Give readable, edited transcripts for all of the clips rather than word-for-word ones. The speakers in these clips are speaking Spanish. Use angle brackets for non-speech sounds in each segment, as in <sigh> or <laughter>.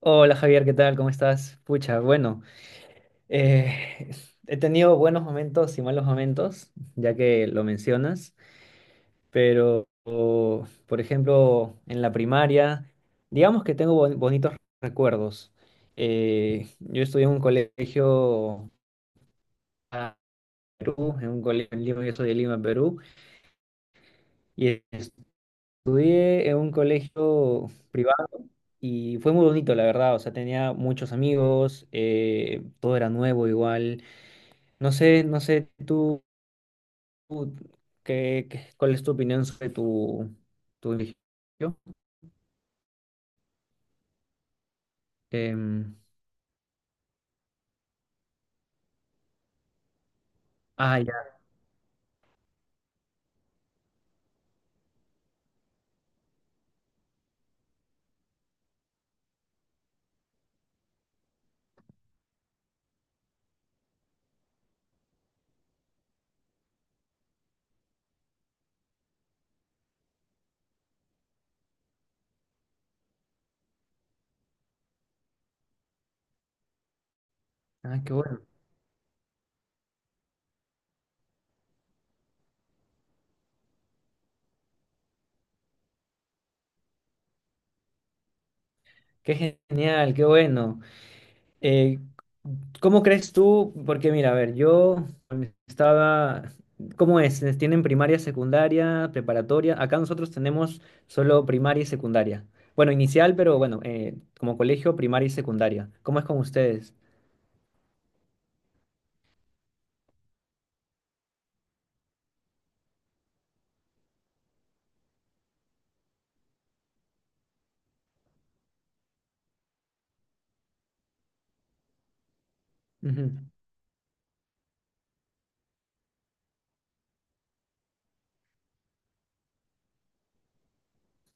Hola Javier, ¿qué tal? ¿Cómo estás? Pucha, bueno, eh, he tenido buenos momentos y malos momentos, ya que lo mencionas, pero por ejemplo, en la primaria, digamos que tengo bonitos recuerdos. Yo estudié en un colegio acá en Perú, en un colegio en Lima. Yo soy de Lima, Perú, y estudié en un colegio privado, y fue muy bonito, la verdad. O sea, tenía muchos amigos, todo era nuevo igual. No sé tú. tú ¿Cuál es tu opinión sobre tu religión? Em, ah, ya. Ah, qué bueno, qué genial, qué bueno. Eh, ¿Cómo crees tú? Porque mira, a ver, yo estaba, ¿cómo es? ¿Les ¿Tienen primaria, secundaria, preparatoria? Acá nosotros tenemos solo primaria y secundaria. Bueno, inicial, pero bueno, como colegio, primaria y secundaria. ¿Cómo es con ustedes? Ujú,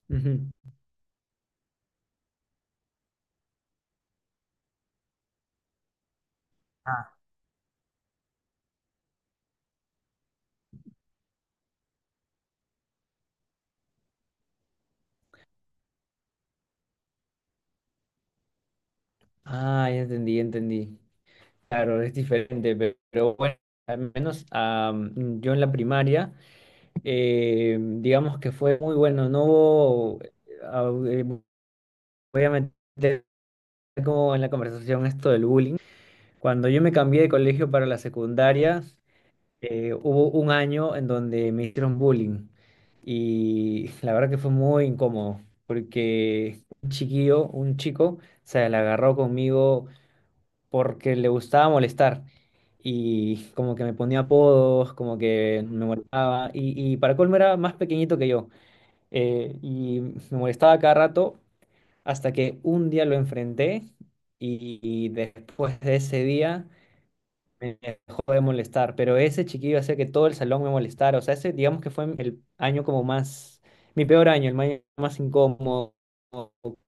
ujú. Ah, ya entendí, ya entendí. Claro, es diferente, pero bueno, al menos yo en la primaria, digamos que fue muy bueno. No hubo, voy a meter como conversación esto. Cuando yo me cambié de colegio para la secundaria, hubo un año en donde me hicieron bullying, y la verdad que fue muy incómodo porque un chiquillo, un chico, se le agarró conmigo porque le gustaba molestar, y como que me ponía apodos, como que me molestaba, y para colmo era más pequeñito que yo. Y me molestaba cada rato hasta que un día lo enfrenté, y después de ese día me dejó de molestar. Pero ese chiquillo hacía que todo el salón me molestara. O sea, ese digamos que fue el año como más, mi peor año, el año más incómodo, como,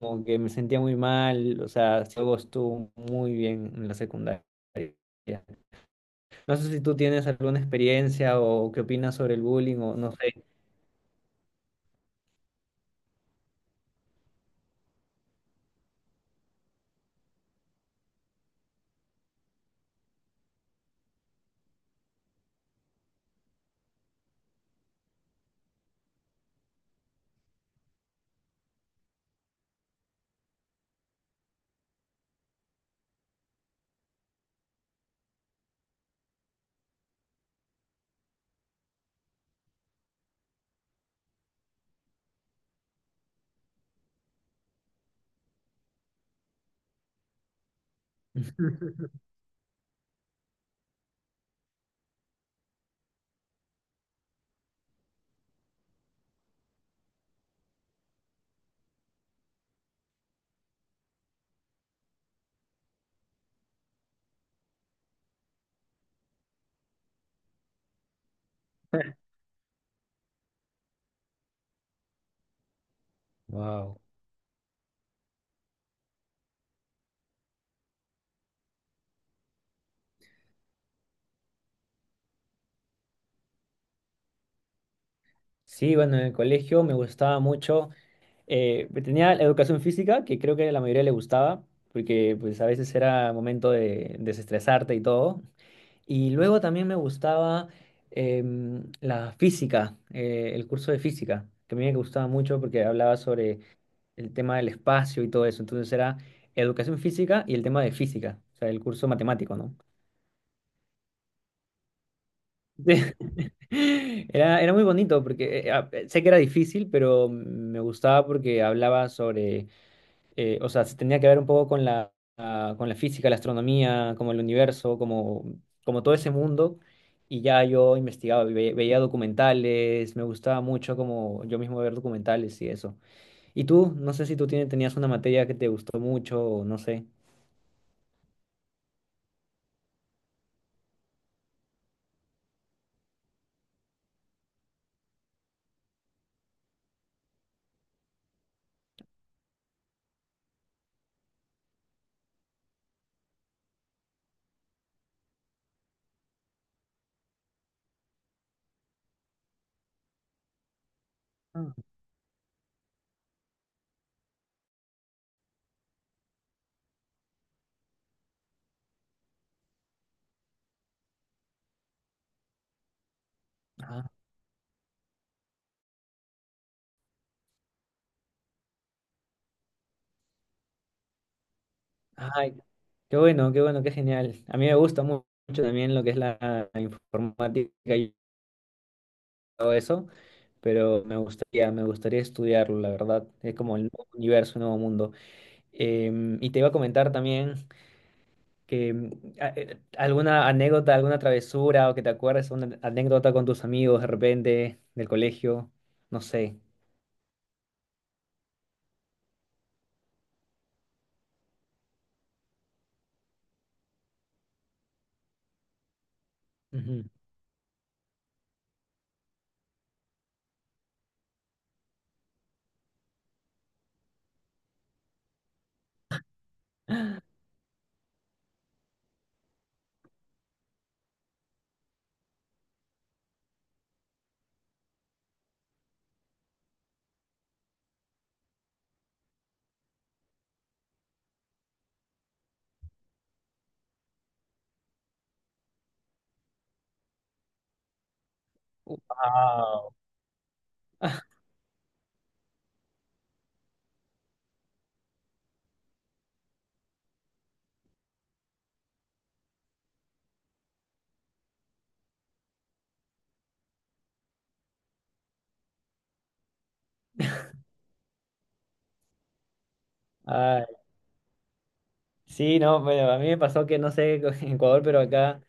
como que me sentía muy mal. O sea, luego estuvo muy bien en la secundaria. No sé si tú tienes alguna experiencia o qué opinas sobre el bullying, o no sé. <laughs> Wow. Sí, bueno, en el colegio me gustaba mucho. Tenía la educación física, que creo que a la mayoría le gustaba, porque pues a veces era momento de desestresarte y todo. Y luego también me gustaba la física, el curso de física, que a mí me gustaba mucho porque hablaba sobre el tema del espacio y todo eso. Entonces era educación física y el tema de física, o sea, el curso matemático, ¿no? <laughs> Era muy bonito porque sé que era difícil, pero me gustaba porque hablaba sobre o sea, se tenía que ver un poco con la, con la física, la astronomía, como el universo, como todo ese mundo. Y ya yo investigaba, veía documentales, me gustaba mucho como yo mismo ver documentales y eso. ¿Y tú? No sé si tenías una materia que te gustó mucho, o no sé. Ah, ah, ay, qué bueno, qué bueno, qué genial. A mí me gusta mucho también lo que es la informática y todo eso, pero me gustaría estudiarlo, la verdad. Es como el nuevo universo, un nuevo mundo. Y te iba a comentar también que alguna anécdota, alguna travesura o que te acuerdes, una anécdota con tus amigos de repente del colegio, no sé. Ujú. Guau. <laughs> Sí, no, bueno, a mí me pasó que no sé <laughs> en Ecuador, pero acá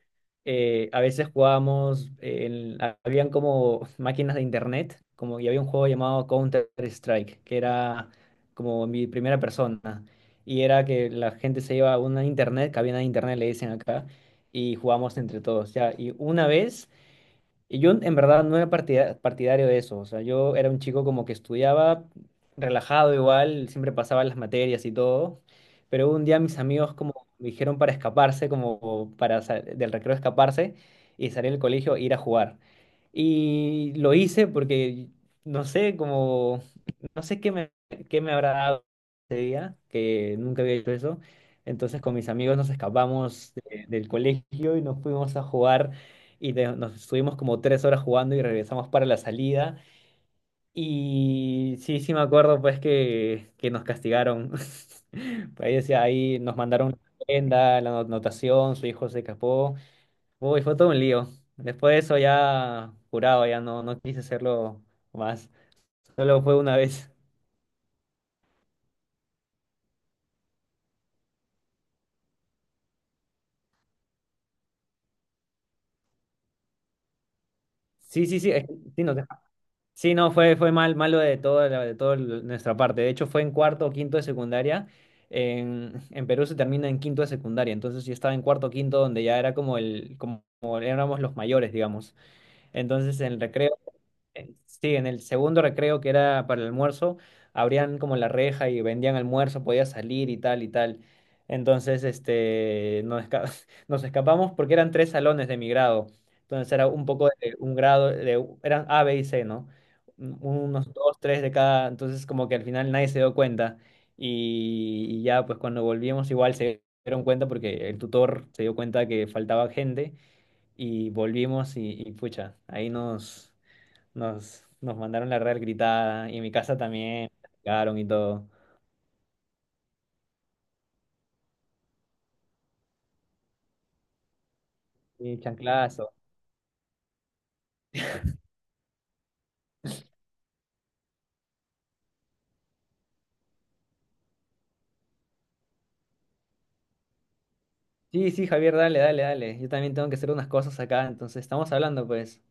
a veces jugábamos, habían como máquinas de internet, como y había un juego llamado Counter-Strike, que era como mi primera persona. Y era que la gente se iba a una internet, cabina de internet le dicen acá, y jugábamos entre todos, ya. Y una vez... Y yo en verdad no era partidario de eso. O sea, yo era un chico como que estudiaba relajado igual, siempre pasaba las materias y todo, pero un día mis amigos como me dijeron para escaparse, como para del recreo escaparse y salir del colegio e ir a jugar. Y lo hice porque, no sé, como no sé qué me habrá dado ese día, que nunca había hecho eso. Entonces con mis amigos nos escapamos del colegio y nos fuimos a jugar, y nos estuvimos como 3 horas jugando y regresamos para la salida. Y sí, sí me acuerdo pues que nos castigaron. <laughs> Por ahí decía, ahí nos mandaron la prenda, la anotación, su hijo se escapó. Uy, fue todo un lío. Después de eso ya curado, ya no, no quise hacerlo más. Solo fue una vez. Sí, sí, sí, es sí, sí, no, fue malo de nuestra parte. De hecho, fue en cuarto o quinto de secundaria. En Perú se termina en quinto de secundaria, entonces yo estaba en cuarto o quinto, donde ya era como el, como como éramos los mayores, digamos. Entonces en el recreo sí, en el segundo recreo, que era para el almuerzo, abrían como la reja y vendían almuerzo, podía salir y tal y tal. Entonces, <laughs> nos escapamos porque eran tres salones de mi grado. Entonces era un poco de un grado, eran A, B y C, ¿no? Unos dos, tres de cada. Entonces, como que al final nadie se dio cuenta. Y ya, pues cuando volvimos, igual se dieron cuenta porque el tutor se dio cuenta que faltaba gente, y volvimos y, pucha, ahí nos. Nos mandaron la real gritada, y en mi casa también sacaron y todo. Y chanclazo. Sí, sí, Javier, dale, dale, dale. Yo también tengo que hacer unas cosas acá, entonces estamos hablando, pues.